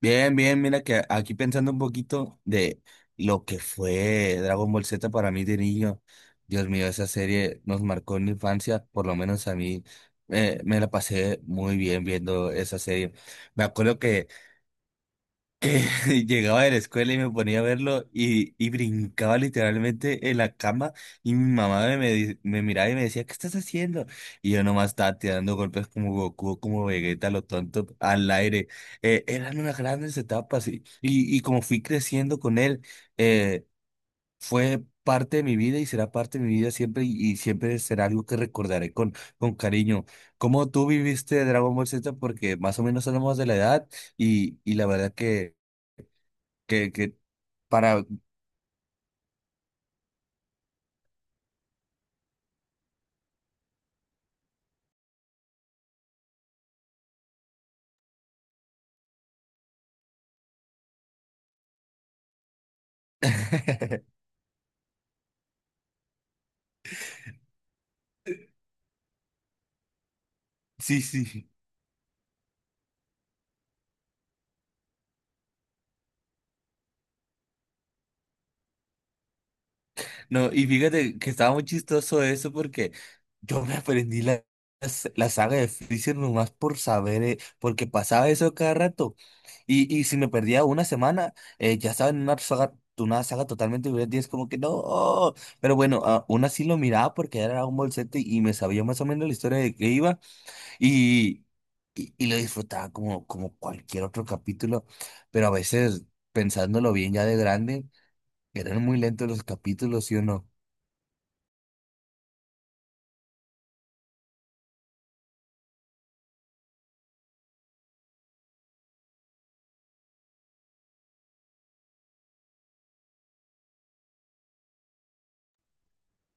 Bien, bien, mira que aquí pensando un poquito de lo que fue Dragon Ball Z para mí de niño. Dios mío, esa serie nos marcó en la infancia, por lo menos a mí. Me la pasé muy bien viendo esa serie. Me acuerdo que llegaba de la escuela y me ponía a verlo y brincaba literalmente en la cama y mi mamá me miraba y me decía, ¿qué estás haciendo? Y yo nomás estaba tirando golpes como Goku, como Vegeta, lo tonto, al aire. Eran unas grandes etapas y como fui creciendo con él, eh, fue parte de mi vida y será parte de mi vida siempre, y siempre será algo que recordaré con, cariño. ¿Cómo tú viviste Dragon Ball Z? Porque más o menos somos de la edad, y la verdad que para... Sí, sí. No, y fíjate que estaba muy chistoso eso porque yo me aprendí la saga de Freezer nomás por saber, porque pasaba eso cada rato. Y si me perdía una semana, ya estaba en una saga, totalmente diferente y es como que no. Pero bueno, aún así lo miraba porque era Dragon Ball Z y me sabía más o menos la historia de qué iba. Y, y lo disfrutaba como, cualquier otro capítulo, pero a veces, pensándolo bien ya de grande, eran muy lentos los capítulos, ¿sí o no?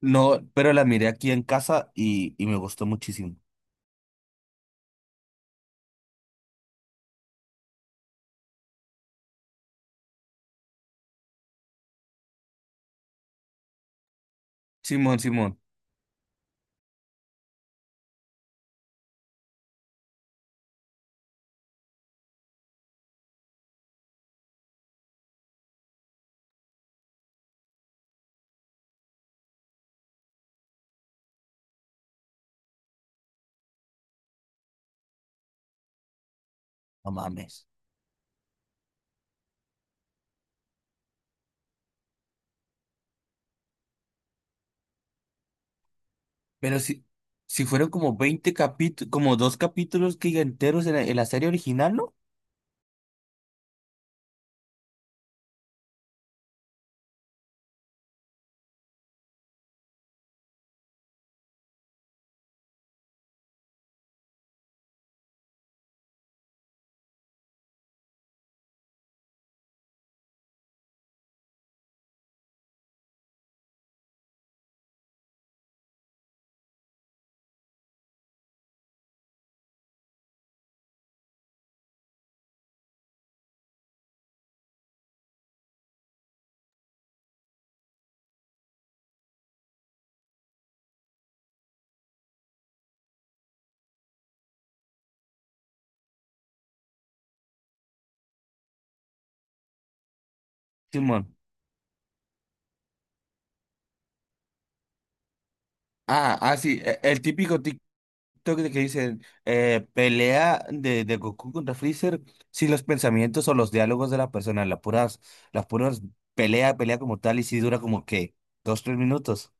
No, pero la miré aquí en casa y me gustó muchísimo. Simón, Simón, no mames. Pero si fueron como 20 capítulos, como dos capítulos que enteros en la serie original, ¿no? Simón. Ah, ah, sí, el típico TikTok de que dicen, pelea de Goku contra Freezer sin los pensamientos o los diálogos de la persona, las puras pelea como tal, y si dura como que 2, 3 minutos.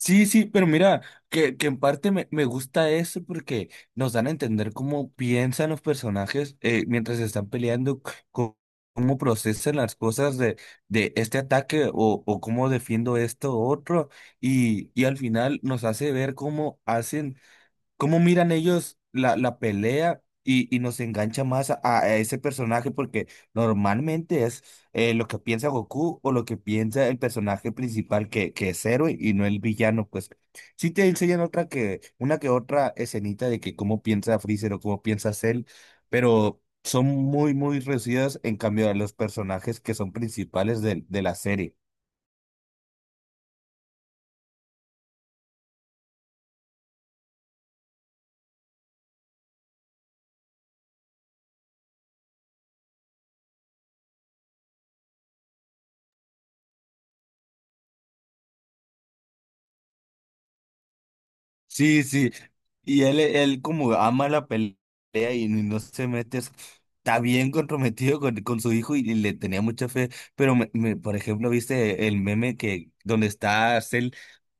Sí, sí, pero mira, que en parte me gusta eso porque nos dan a entender cómo piensan los personajes, mientras están peleando, cómo procesan las cosas de este ataque o cómo defiendo esto u otro, y al final nos hace ver cómo hacen. ¿Cómo miran ellos la pelea y nos engancha más a ese personaje? Porque normalmente es, lo que piensa Goku o lo que piensa el personaje principal, que es héroe y no el villano. Pues sí te enseñan una que otra escenita de que cómo piensa Freezer o cómo piensa Cell, pero son muy, muy reducidas en cambio a los personajes que son principales de la serie. Sí, sí. Y él como ama la pelea y no se mete. Está bien comprometido con su hijo, y le tenía mucha fe. Pero, por ejemplo, ¿viste el meme que donde está Cell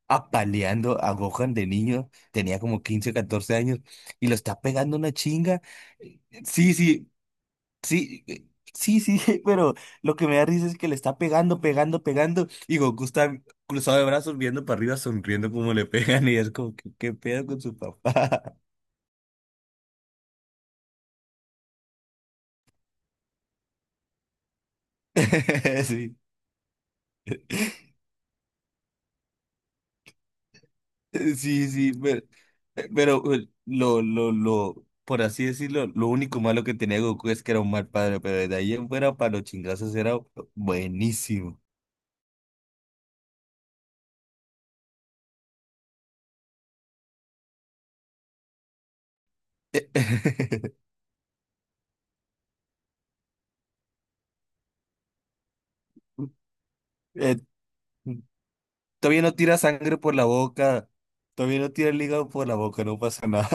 apaleando a Gohan de niño? Tenía como 15 14 años y lo está pegando una chinga. Sí, sí. Sí, sí, sí, pero lo que me da risa es que le está pegando, pegando, pegando, y Goku está cruzado de brazos viendo para arriba, sonriendo como le pegan, y es como, ¿qué pedo con su papá? Sí, sí, sí, pero, lo, por así decirlo, lo único malo que tenía Goku es que era un mal padre, pero de ahí en fuera para los chingazos era buenísimo. Eh, todavía no tira sangre por la boca, todavía no tira el hígado por la boca, no pasa nada.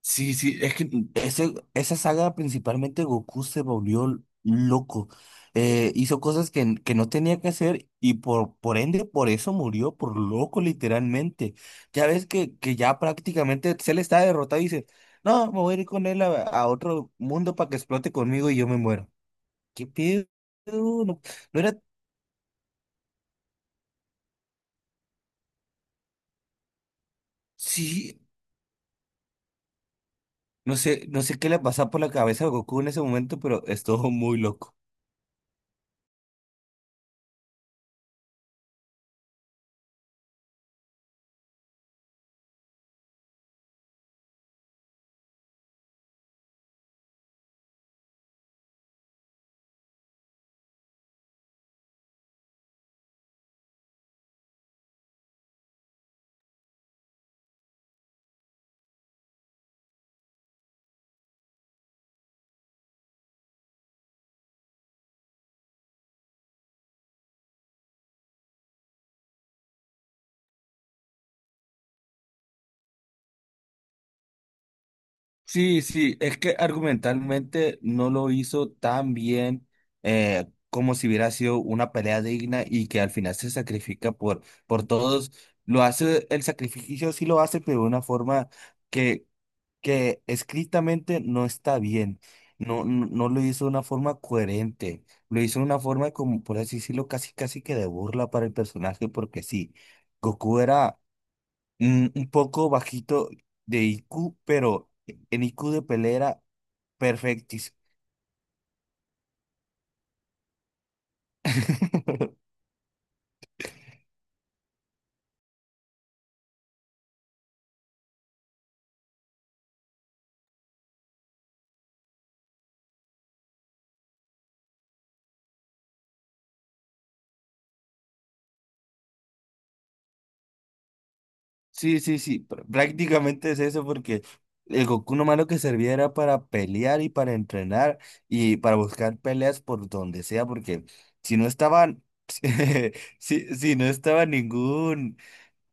Sí, sí, es que ese, esa saga principalmente Goku se volvió loco. Hizo cosas que no tenía que hacer y por ende, por eso murió, por loco literalmente. Ya ves que ya prácticamente Cell está derrotado y dice, no, me voy a ir con él a otro mundo para que explote conmigo y yo me muero. ¿Qué pedo? No, no era, sí, no sé qué le pasaba por la cabeza a Goku en ese momento, pero estuvo muy loco. Sí, sí, es que argumentalmente no lo hizo tan bien, como si hubiera sido una pelea digna y que al final se sacrifica por todos. Lo hace, el sacrificio sí lo hace, pero de una forma que, que escritamente no está bien. No, no, no lo hizo de una forma coherente. Lo hizo de una forma como, por así decirlo, casi casi que de burla para el personaje, porque sí, Goku era, un poco bajito de IQ, pero en IQ de pelera, perfectis. Sí, sí, sí, prácticamente es eso porque el Goku nomás lo que servía era para pelear y para entrenar y para buscar peleas por donde sea, porque si no estaban, si, no estaba ningún,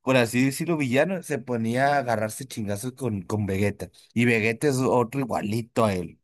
por así decirlo, villano, se ponía a agarrarse chingazos con, Vegeta. Y Vegeta es otro igualito a él.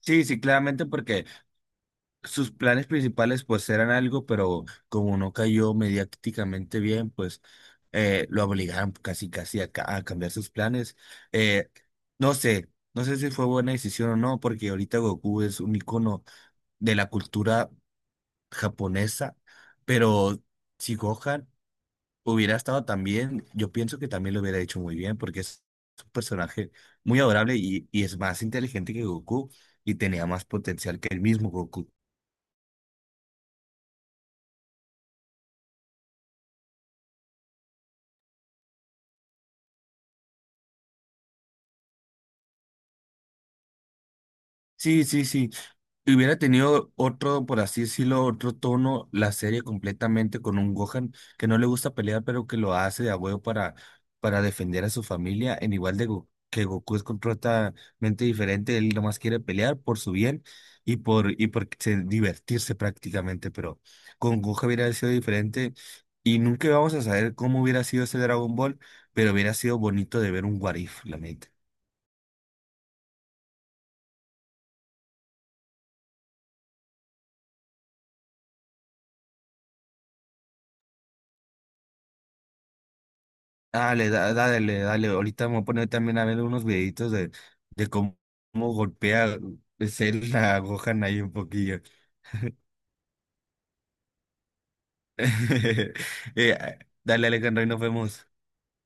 Sí, sí, claramente porque sus planes principales pues eran algo, pero como no cayó mediáticamente bien, pues, lo obligaron casi casi a cambiar sus planes. Eh, no sé, no sé si fue buena decisión o no, porque ahorita Goku es un icono de la cultura japonesa, pero si Gohan hubiera estado tan bien, yo pienso que también lo hubiera hecho muy bien, porque es un personaje muy adorable, y es más inteligente que Goku y tenía más potencial que el mismo Goku. Sí, sí, sí. Hubiera tenido otro, por así decirlo, otro tono la serie completamente con un Gohan que no le gusta pelear, pero que lo hace de a huevo para defender a su familia, en igual de que Goku es completamente diferente, él nomás quiere pelear por su bien y por divertirse prácticamente, pero con Gohan hubiera sido diferente y nunca vamos a saber cómo hubiera sido ese Dragon Ball, pero hubiera sido bonito de ver un What If, la neta. Dale, dale, dale. Ahorita me voy a poner también a ver unos videitos de cómo, golpea ser la Gohan ahí un poquillo. Eh, dale, Alejandro, y nos vemos.